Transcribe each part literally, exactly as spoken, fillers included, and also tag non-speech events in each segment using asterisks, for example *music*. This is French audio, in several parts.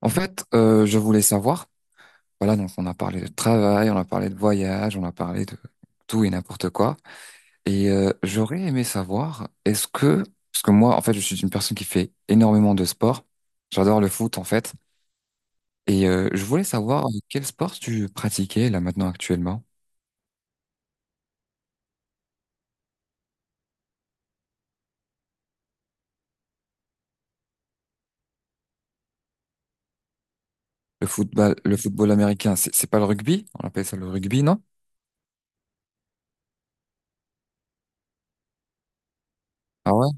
En fait, euh, je voulais savoir, voilà, donc on a parlé de travail, on a parlé de voyage, on a parlé de tout et n'importe quoi. Et euh, j'aurais aimé savoir, est-ce que, parce que moi, en fait, je suis une personne qui fait énormément de sport. J'adore le foot, en fait. Et euh, je voulais savoir quel sport tu pratiquais là maintenant actuellement. Le football, le football américain, c'est c'est pas le rugby? On appelle ça le rugby, non? Ah ouais?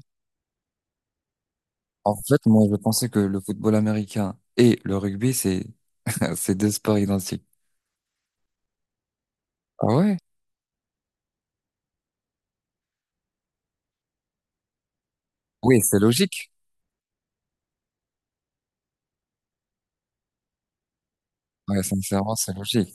En fait, moi, je pensais que le football américain et le rugby, c'est *laughs* c'est deux sports identiques. Ah ouais? Oui, c'est logique. Ouais, sincèrement, c'est logique.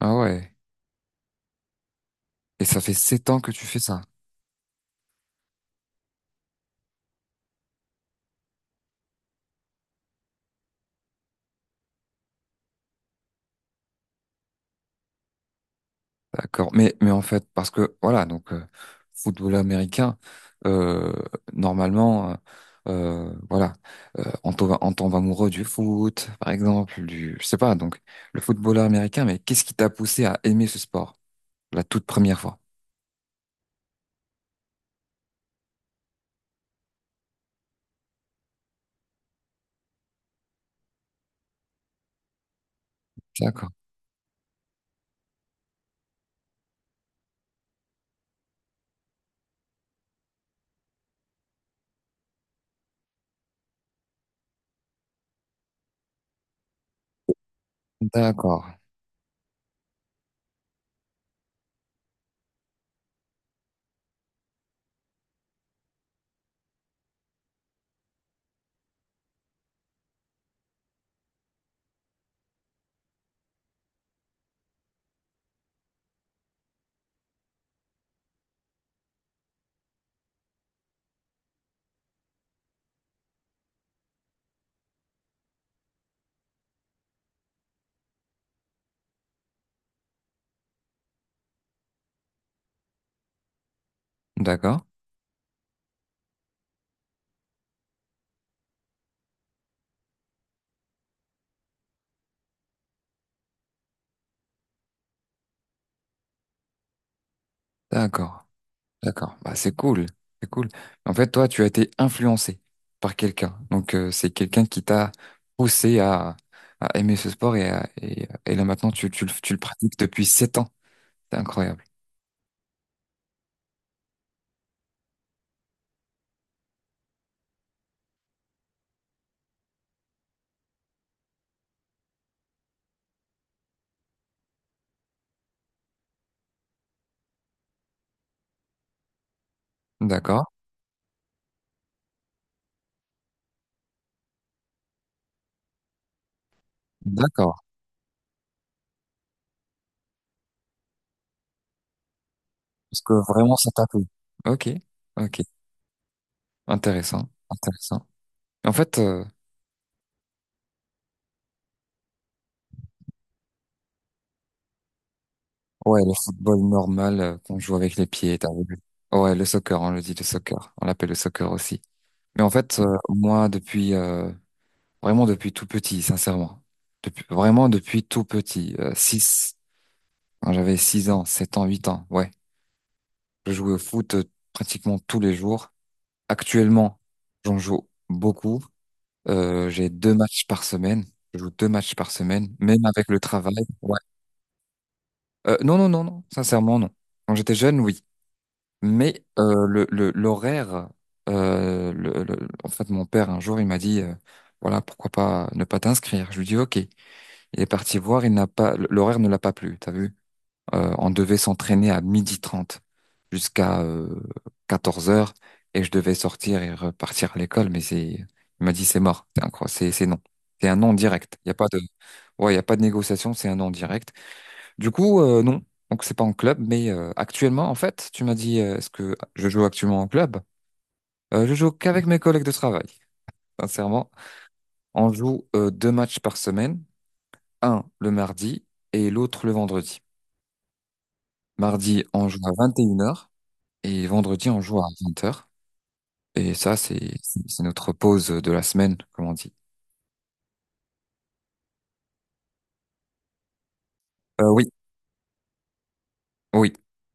Ah ouais. Et ça fait sept ans que tu fais ça. D'accord. Mais, mais en fait, parce que, voilà, donc, euh, football américain, euh, normalement, euh, euh, voilà, euh, on tombe, on tombe amoureux du foot, par exemple, du, je sais pas, donc, le footballeur américain, mais qu'est-ce qui t'a poussé à aimer ce sport, la toute première fois? D'accord. D'accord. D'accord. D'accord. D'accord, bah, c'est cool, c'est cool. En fait, toi, tu as été influencé par quelqu'un. Donc, euh, c'est quelqu'un qui t'a poussé à, à aimer ce sport et, à- et, et là maintenant, tu, tu, le- tu le pratiques depuis sept ans. C'est incroyable. D'accord, d'accord. Parce que vraiment, ça t'a plu. Ok, ok. Intéressant, intéressant. En fait, euh, ouais, le football normal euh, qu'on joue avec les pieds, t'as vu. Ouais, le soccer, on le dit, le soccer. On l'appelle le soccer aussi. Mais en fait, euh, moi, depuis euh, vraiment depuis tout petit, sincèrement. Depuis, vraiment depuis tout petit. Euh, six. Quand j'avais six ans, sept ans, huit ans, ouais. Je jouais au foot euh, pratiquement tous les jours. Actuellement, j'en joue beaucoup. Euh, j'ai deux matchs par semaine. Je joue deux matchs par semaine, même avec le travail. Ouais. Euh, non, non, non, non. Sincèrement, non. Quand j'étais jeune, oui. Mais euh, le, le, l'horaire, euh, le, le- en fait, mon père, un jour, il m'a dit, euh, voilà, pourquoi pas ne pas t'inscrire. Je lui dis, OK. Il est parti voir, il n'a pas, l'horaire ne l'a pas plu, t'as vu? Euh, on devait s'entraîner à midi trente jusqu'à euh, 14 heures et je devais sortir et repartir à l'école, mais c'est, il m'a dit c'est mort, c'est incroyable, c'est c'est non. C'est un non direct. Il y a pas de, ouais, il y a pas de négociation, c'est un non direct. Du coup, euh, non. Donc c'est pas en club, mais euh, actuellement, en fait, tu m'as dit, euh, est-ce que je joue actuellement en club? Euh, je joue qu'avec mes collègues de travail, sincèrement. On joue euh, deux matchs par semaine, un le mardi et l'autre le vendredi. Mardi, on joue à vingt et une heures et vendredi, on joue à vingt heures. Et ça, c'est c'est- notre pause de la semaine, comme on dit. Euh, oui, oui.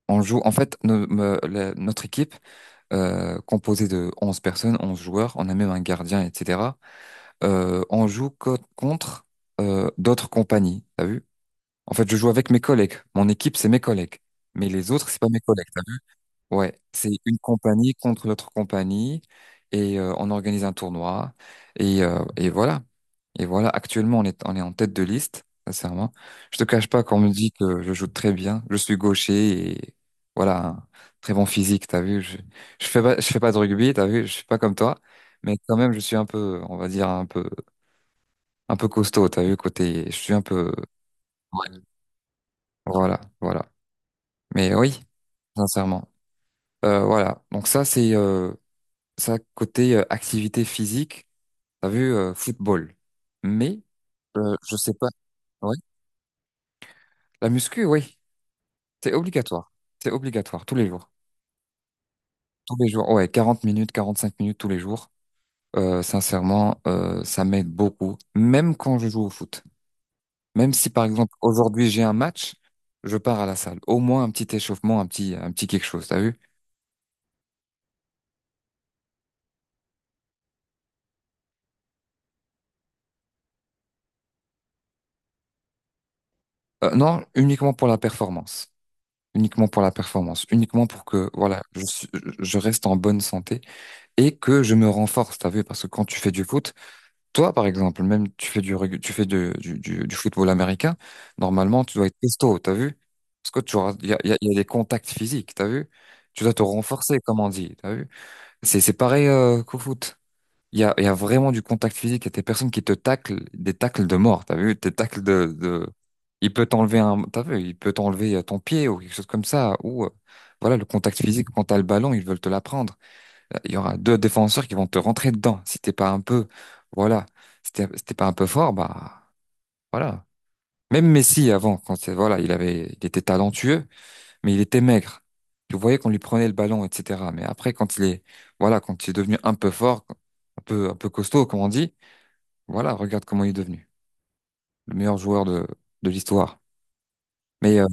On joue, en fait, no- me- la- notre équipe, euh, composée de onze personnes, onze joueurs, on a même un gardien, et cetera. Euh, on joue co- contre euh, d'autres compagnies, t'as vu? En fait, je joue avec mes collègues. Mon équipe, c'est mes collègues. Mais les autres, c'est pas mes collègues. Ouais, c'est une compagnie contre l'autre compagnie et euh, on organise un tournoi et, euh, et voilà. Et voilà, actuellement on est, on est en tête de liste, sincèrement. Je te cache pas qu'on me dit que je joue très bien, je suis gaucher et voilà, un très bon physique, t'as vu. Je, je fais pas, je fais pas de rugby, t'as vu, je suis pas comme toi, mais quand même je suis un peu, on va dire un peu, un peu costaud, t'as vu, côté, je suis un peu, ouais, voilà, voilà. Mais oui, sincèrement. Euh, voilà, donc ça c'est... euh, Ça, côté euh, activité physique, t'as vu euh, football. Mais euh, je sais pas. Ouais. La muscu, oui, c'est obligatoire. C'est obligatoire tous les jours. Tous les jours, ouais, quarante minutes, quarante cinq minutes tous les jours. Euh, sincèrement, euh, ça m'aide beaucoup. Même quand je joue au foot. Même si, par exemple, aujourd'hui j'ai un match, je pars à la salle. Au moins un petit échauffement, un petit, un petit quelque chose, t'as vu? Euh, non, uniquement pour la performance. uniquement pour la performance, uniquement pour que voilà, je, suis- je reste en bonne santé et que je me renforce, t'as vu, parce que quand tu fais du foot, toi par exemple, même tu fais du reg- tu fais de- du, du, du football américain, normalement tu dois être costaud, t'as vu? Parce que tu auras- il y a, il y a, il y a des contacts physiques, t'as vu? Tu dois te renforcer, comme on dit, t'as vu? C'est c'est pareil euh, qu'au foot. Il y a, il y a vraiment du contact physique. Il y a des personnes qui te taclent, des tacles de mort. T'as vu? Des tacles de, de... Il peut t'enlever un... T'as vu? Il peut t'enlever euh, ton pied ou quelque chose comme ça. Ou euh, voilà, le contact physique, quand t'as le ballon, ils veulent te l'apprendre. Il y aura deux défenseurs qui vont te rentrer dedans. Si t'es pas un peu... Voilà. Si t'es si t'es pas un peu fort, bah... Voilà. Même Messi, avant, quand c'est voilà, il avait, il était talentueux, mais il était maigre. Tu voyais qu'on lui prenait le ballon, et cetera. Mais après, quand il est... Voilà, quand il est devenu un peu fort un peu, un peu costaud, comme on dit, voilà, regarde comment il est devenu le meilleur joueur de, de l'histoire. Mais, euh,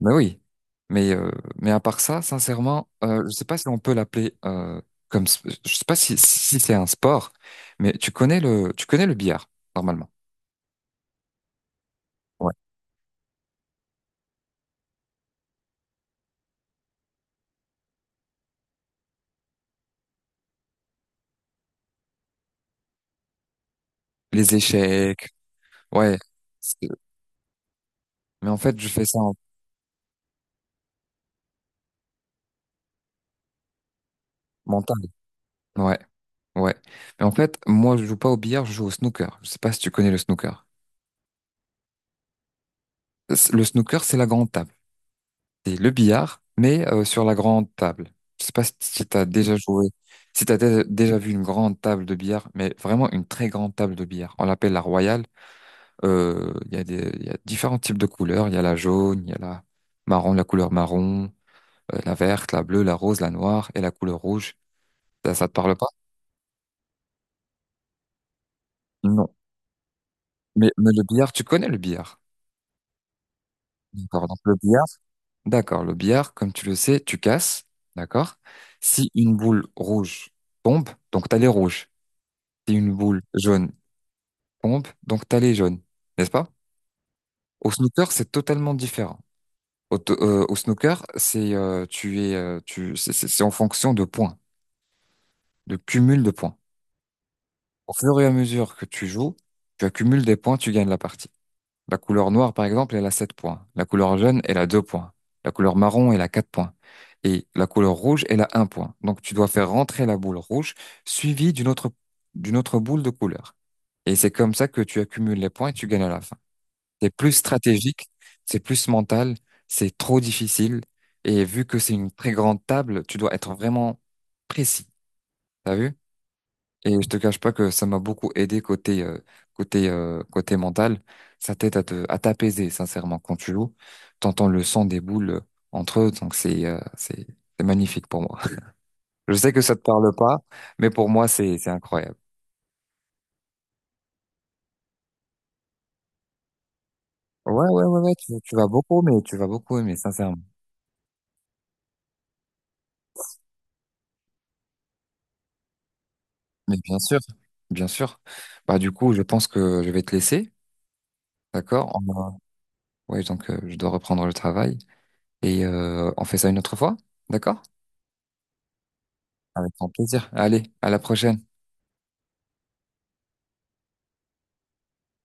mais oui, mais, euh, mais à part ça, sincèrement, euh, je sais pas si on peut l'appeler euh, comme, s- je sais pas si, si c'est un sport, mais tu connais le, tu connais le billard, normalement. Ouais. Les échecs, ouais. C'est- Mais en fait, je fais ça en mental. Ouais, ouais. Mais en fait, moi, je joue pas au billard, je joue au snooker. Je sais pas si tu connais le snooker. Le snooker, c'est la grande table. c'est le billard, mais euh, sur la grande table. Je sais pas si tu as déjà joué, si tu as déjà vu une grande table de billard, mais vraiment une très grande table de billard. On l'appelle la royale. Euh, Il y a des, il y a différents types de couleurs. Il y a la jaune, il y a la marron, la couleur marron, euh, la verte, la bleue, la rose, la noire et la couleur rouge. Ça, ça te parle pas? Non. Mais, mais le billard, tu connais le billard. D'accord. Donc le billard, d'accord. Le billard, comme tu le sais, tu casses. D'accord. Si une boule rouge tombe, donc tu as les rouges. si une boule jaune tombe, donc t'as les jaunes, n'est-ce pas? Au snooker, c'est totalement différent. Au, t- euh, au snooker, c'est euh, tu es euh, tu c'est c'est- c'est en fonction de points, de cumul de points. Au fur et à mesure que tu joues, tu accumules des points, tu gagnes la partie. La couleur noire, par exemple, elle a sept points. La couleur jaune, elle a deux points. La couleur marron, elle a quatre points. Et la couleur rouge, elle a un point. Donc tu dois faire rentrer la boule rouge suivie d'une autre d'une autre boule de couleur. Et c'est comme ça que tu accumules les points et tu gagnes à la fin. C'est plus stratégique, c'est plus mental, c'est trop difficile. Et vu que c'est une très grande table, tu dois être vraiment précis. T'as vu? Et je te cache pas que ça m'a beaucoup aidé côté euh, côté euh, côté mental. Ça t'aide à te, à t'apaiser, sincèrement, quand tu joues. T'entends le son des boules euh, entre eux, donc c'est euh, c'est c'est magnifique pour moi. *laughs* Je sais que ça te parle pas, mais pour moi c'est c'est incroyable. Ouais ouais ouais ouais, tu, tu vas beaucoup aimer, tu vas beaucoup aimer, sincèrement. Mais bien sûr, bien sûr. Bah du coup, je pense que je vais te laisser, d'accord? On- Ouais, donc euh, je dois reprendre le travail et euh, on fait ça une autre fois, d'accord? Avec grand plaisir. Allez, à la prochaine.